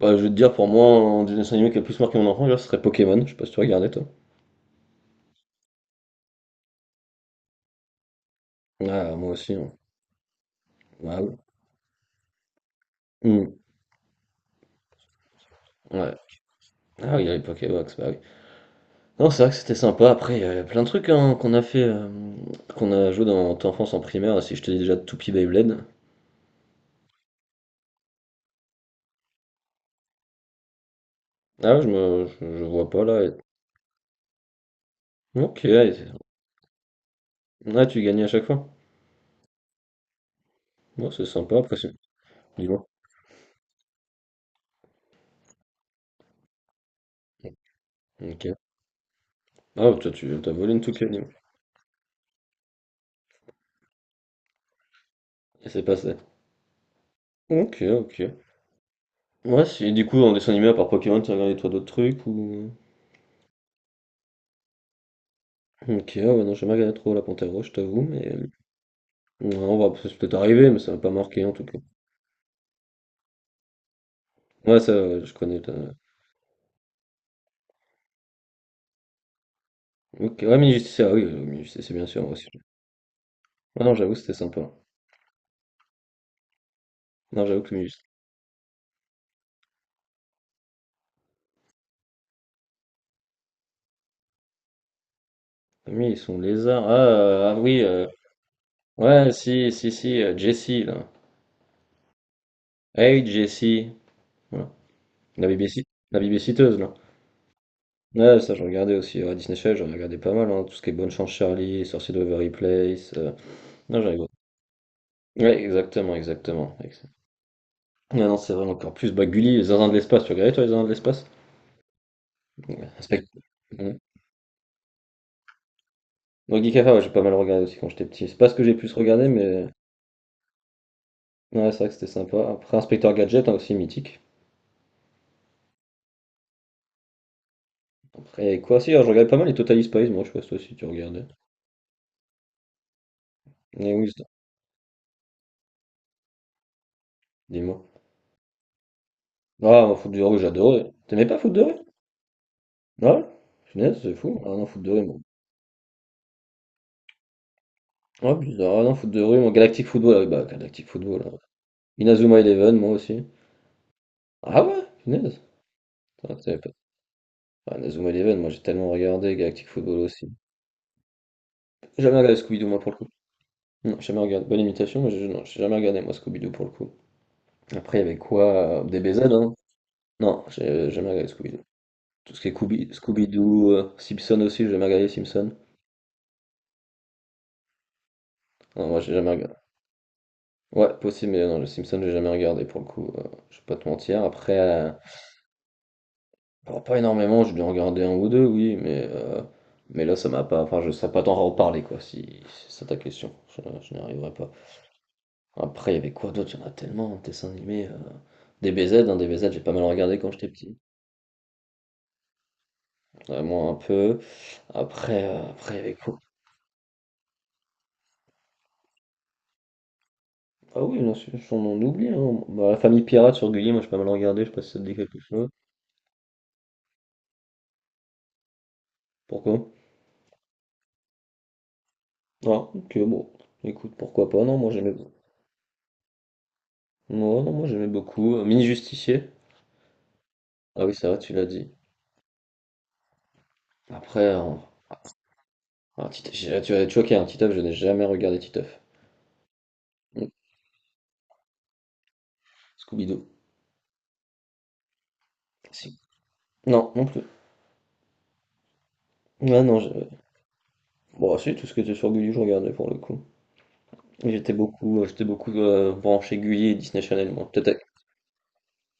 Bah, je vais te dire, pour moi, un des dessins animés qui a le plus marqué mon enfant, déjà, ce serait Pokémon. Je sais pas si tu regardais, toi. Ah, moi aussi. Hein. Ah, oui. Hmm. Ouais. Ah oui, il y a les Pokébox, bah oui. Non, c'est vrai que c'était sympa. Après, il y a plein de trucs hein, qu'on a fait, qu'on a joué dans ton enfance en primaire. Si je te dis déjà Toupie Beyblade. Ah, ouais, je vois pas là. Ok, ouais, c'est- ah, tu gagnais à chaque fois. Moi, c'est sympa, après, c'est- dis-moi. Ok. Ah, toi, tu t'as volé une Toupie animée. Et c'est passé. Ok, ok. Ouais, si, du coup, en dessin animé, à part Pokémon, tu regardé toi d'autres trucs ou. Ok, ah ouais, non, j'ai jamais regardé trop La Panthère Rose, je t'avoue, mais non, on va ça peut arriver, mais ça m'a pas marqué en tout cas. Ouais, ça, ouais, je connais. T'as- Ok, ouais, Mini Justice, ah oui, Mini Justice, c'est bien sûr, moi aussi. Ah non, j'avoue, c'était sympa. Non, j'avoue que Mini Justice. Ah oui, ils sont lézards. Ah, ah oui, ouais, si, si, si, Jessie, là. Hey, Jessie. Voilà. La BBC, la bébé là. Ouais, ça, je regardais aussi. À Disney Channel, j'en regardais pas mal, hein, tout ce qui est Bonne Chance Charlie, Sorcier de Waverly Place. Non, j'en ai ouais, exactement, exactement. Ah non, c'est vrai, encore plus. Bah, Gulli, les Zinzins de l'espace, tu regardais toi les Zinzins de l'espace? Ouais, respect. Ouais. Non, Guy ouais, j'ai pas mal regardé aussi quand j'étais petit. C'est pas ce que j'ai plus regardé, mais ouais, c'est vrai que c'était sympa. Après, Inspecteur Gadget, hein, aussi mythique. Après, il y avait quoi? Si, alors, je regardais pas mal les Total Spies, moi, je sais pas si toi aussi tu regardais. Et oui, c'est- dis-moi. Ah, moi, Foot de rue, j'adorais. T'aimais pas Foot de rue? Ah, ouais? Punaise, c'est fou. Ah non, Foot de rue, moi. Ah, bizarre. Ah non, Foot de rue, moi. Galactic Football, ah oui, bah, Galactic Football. Hein. Inazuma Eleven, moi aussi. Ah ouais? Punaise. Putain, t'avais pas- Ah, Inazuma Eleven, moi j'ai tellement regardé, Galactic Football aussi. J'ai jamais regardé Scooby-Doo, moi pour le coup. Non, j'ai jamais regardé. Bonne imitation, mais j'ai non, j'ai jamais regardé, moi, Scooby-Doo pour le coup. Après, il y avait quoi? DBZ, hein? Non, j'ai jamais regardé Scooby-Doo. Tout ce qui est Scooby-Doo, Simpson aussi, j'ai jamais regardé Simpson. Non, moi j'ai jamais regardé. Ouais, possible, mais non, le Simpson, j'ai jamais regardé pour le coup. Je vais pas te mentir. Après, bon, pas énormément, j'ai dû en regarder un ou deux, oui, mais là, ça m'a pas. Enfin, je sais pas t'en reparler, quoi, si c'est ça ta question. Je n'y arriverai pas. Après, il y avait quoi d'autre? Il y en a tellement, dessins animés. DBZ, hein, DBZ, j'ai pas mal regardé quand j'étais petit. Vraiment un peu. Après, il y avait quoi? Ah oui, non, c'est- on en oublie. Hein. Bah, la famille pirate sur Gulli, moi j'ai pas mal regardé, je sais pas si ça te dit quelque chose. Pourquoi? Ah, ok, bon. Écoute, pourquoi pas? Non, moi j'aimais non, non, moi j'aimais beaucoup. Mini Justicier. Ah oui, c'est vrai, tu l'as dit. Après, ah, Tite- j'ai- tu as choqué, un Titeuf, je n'ai jamais regardé Titeuf. Mm. Scooby-Doo. Si. Non, non plus. Ouais, non, je- Bon, si, tout ce qui était sur Gulli, je regardais pour le coup. J'étais beaucoup branché Gulli et Disney Channel, moi. Peut-être.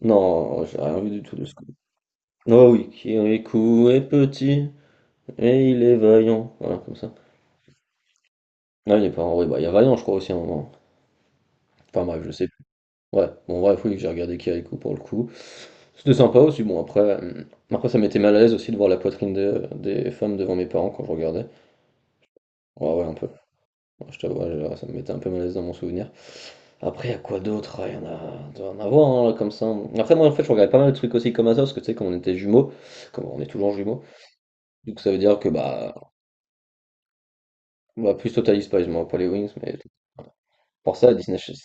Non, j'ai rien vu du tout de ce coup. Oh oui, Kirikou est petit et il est vaillant. Voilà, comme ça. Ah, il est pas en vrai. Bah, il y a Vaillant, je crois aussi à un moment. Enfin, bref, je sais plus. Ouais, bon, bref, oui, j'ai regardé Kirikou pour le coup. C'était sympa aussi. Bon, après ça m'était mal à l'aise aussi de voir la poitrine des femmes devant mes parents quand je regardais. Ouais, ouais, un peu. Moi, je t'avoue, je- ça me mettait un peu mal à l'aise dans mon souvenir. Après, il y a quoi d'autre? Hein, il y en a, il doit y en avoir hein, là, comme ça. Après, moi, en fait, je regardais pas mal de trucs aussi comme ça, parce que tu sais, comme on était jumeaux, comme on est toujours jumeaux, donc ça veut dire que bah plus Total Spies, moi, pas les Wings, mais pour ça, Disney Channel.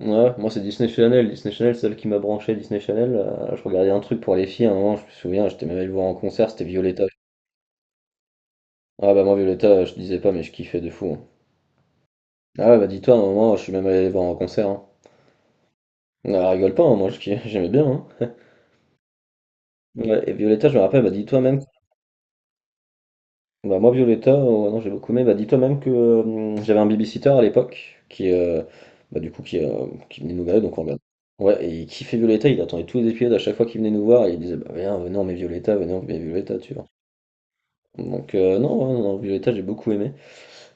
Ouais, moi, c'est Disney Channel. Disney Channel, c'est celle qui m'a branché. Disney Channel, je regardais un truc pour les filles à un moment, je me souviens, j'étais même allé le voir en concert, c'était Violetta. Ah bah, moi, Violetta, je disais pas, mais je kiffais de fou. Hein. Ah ouais, bah, dis-toi, à un moment, je suis même allé les voir en concert. Hein. Ah, rigole pas, hein, moi, je kiffais- j'aimais bien. Hein. Ouais et Violetta, je me rappelle, elle m'a «Toi-même» bah, moi Violetta, non j'ai beaucoup aimé, elle m'a «Toi-même que, j'avais un babysitter à l'époque qui, bah, du coup qui, qui venait nous garder donc on regarde». Ouais et il kiffait Violetta, il attendait tous les épisodes à chaque fois qu'il venait nous voir et il disait: «Bah, viens, venez on met Violetta, venez on met Violetta», tu vois? Donc non, ouais, non, non, Violetta, j'ai beaucoup aimé.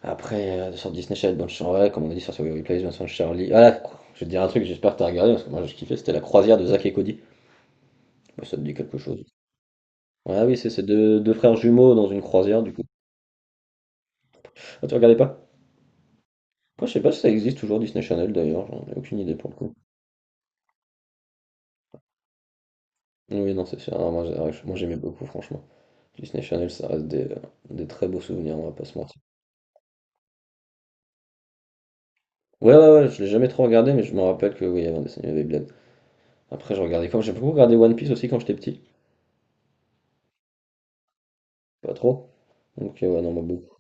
Après, sur Disney Channel, bonne chan ouais, comme on a dit sur Survivor Replays, Vincent Charlie ah! Je vais te dire un truc, j'espère que t'as regardé parce que moi j'ai kiffé, c'était La Croisière de Zach et Cody. Je si ça te dit quelque chose? Ah oui, c'est ces 2 frères jumeaux dans une croisière du coup. Ah, tu regardais pas? Moi, je sais pas si ça existe toujours Disney Channel d'ailleurs, j'en ai aucune idée pour le coup. Oui, non, c'est sûr. Ah, moi, j'ai- moi, j'aimais beaucoup, franchement. Disney Channel, ça reste des très beaux souvenirs, on va pas se mentir. Ouais, ouais, ouais, je l'ai jamais trop regardé, mais je me rappelle que oui, il y avait un dessin animé Beyblade. Après, je regardais quand j'ai beaucoup regardé One Piece aussi quand j'étais petit. Pas trop. Donc, ouais, non, moi, beaucoup.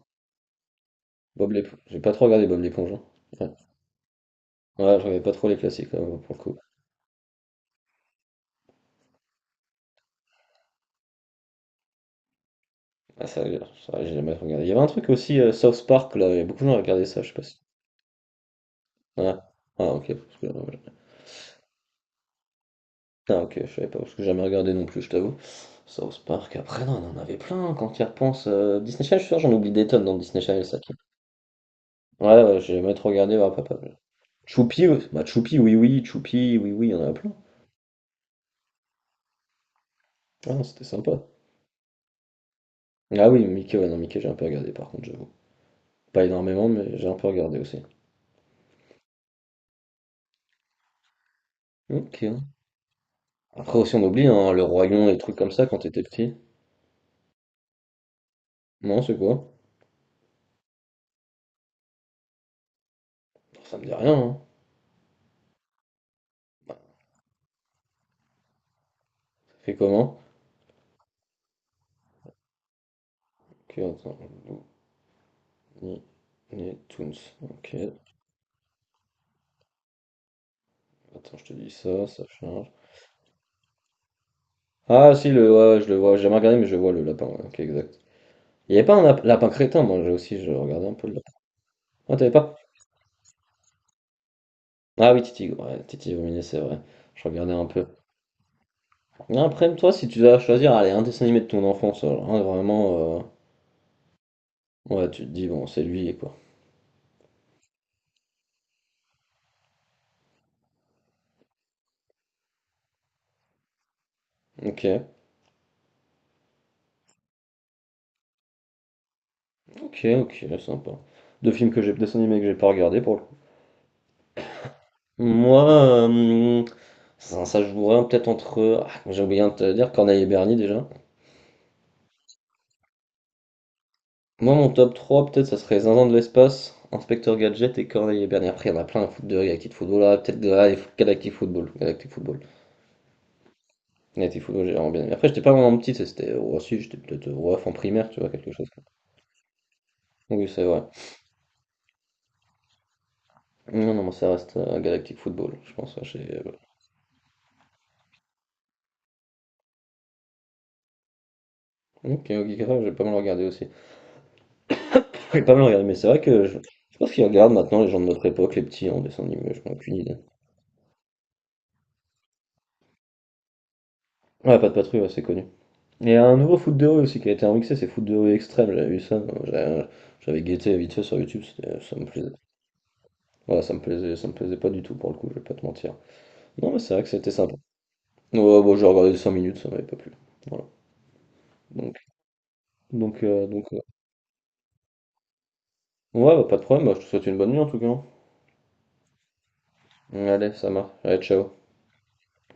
Bob l'éponge. J'ai pas trop regardé Bob l'éponge. Hein. Ouais. Ouais, je regardais pas trop les classiques, ouais, pour le coup. Ah, ça, j'ai jamais regardé. Il y avait un truc aussi, South Park, là, il y a beaucoup de gens qui regardaient ça, je sais pas si. Ouais. Ah, ok. Parce que, ah ok, je savais pas, parce que j'ai jamais regardé non plus, je t'avoue. South Park, après, non, on en avait plein, hein, quand tu y repenses. Disney Channel, je suis sûr, j'en oublie des tonnes dans Disney Channel, ça qui... Ouais, ouais, j'ai jamais trop regardé, ouais, papa. Choupi, ouais. Bah Choupi, oui, oui, il y en a plein. Ah non, c'était sympa. Ah oui, Mickey, ouais, non, Mickey, j'ai un peu regardé, par contre, j'avoue. Pas énormément, mais j'ai un peu regardé aussi. Ok. Après aussi, on oublie, hein, le Roi Lion, les trucs comme ça, quand t'étais petit. Non, c'est quoi? Ça me dit rien, hein. Bah, ça fait comment? Ok, attends. Looney Tunes. Ok, attends, je te dis ça, ça change. Ah si, le, ouais, ouais, je le vois, j'ai jamais regardé, mais je vois le lapin, ouais, ok, exact. Il n'y avait pas un lapin crétin, moi j'ai aussi, je regardais un peu le lapin. Ah, t'avais pas? Ah oui, Titi, ouais, Titi Vominé, c'est vrai. Je regardais un peu. Après, toi, si tu dois choisir, allez, un dessin animé de ton enfance, alors, hein, vraiment, ouais, tu te dis, bon, c'est lui, quoi. Ok, ok, ok, sympa. Deux films que j'ai, dessin animé que j'ai pas regardé, pour le coup. Moi, ça, ça jouerait peut-être entre... ah, j'ai oublié de te dire, Corneille et Bernie, déjà. Moi, mon top 3 peut-être, ça serait Zinzin de l'espace, Inspecteur Gadget et Corneille et Bernie. Après, il y en a plein à foutre de Galactic Football. Là peut-être ah, et Galactic Football. Galactic Football. Galactic Football, j'ai vraiment bien aimé. Après, j'étais pas vraiment petit, c'était oh, si, j'étais peut-être ref en primaire, tu vois, quelque chose. Oui, c'est vrai. Non, non, mais ça reste Galactic Football, je pense. Ouais, j'ai- ok, ok, grave, j'ai pas mal regardé aussi. J'ai pas mal regardé, mais c'est vrai que je sais pas ce qu'ils regardent maintenant, les gens de notre époque, les petits en dessin animé, je n'ai aucune idée. Ouais, pas de patrouille, ouais, c'est connu. Il y a un nouveau foot de rue aussi qui a été remixé, c'est Foot de rue extrême, j'avais vu ça, j'a- j'avais guetté vite fait sur YouTube, c'était- ça me plaisait. Voilà, ça me plaisait pas du tout pour le coup, je vais pas te mentir. Non mais c'est vrai que c'était sympa. Ouais, bon, j'ai regardé 5 minutes, ça m'avait pas plu. Voilà. Donc, donc, ouais, ouais, bah, pas de problème, bah, je te souhaite une bonne nuit en tout cas. Hein. Allez, ça marche. Allez, ciao.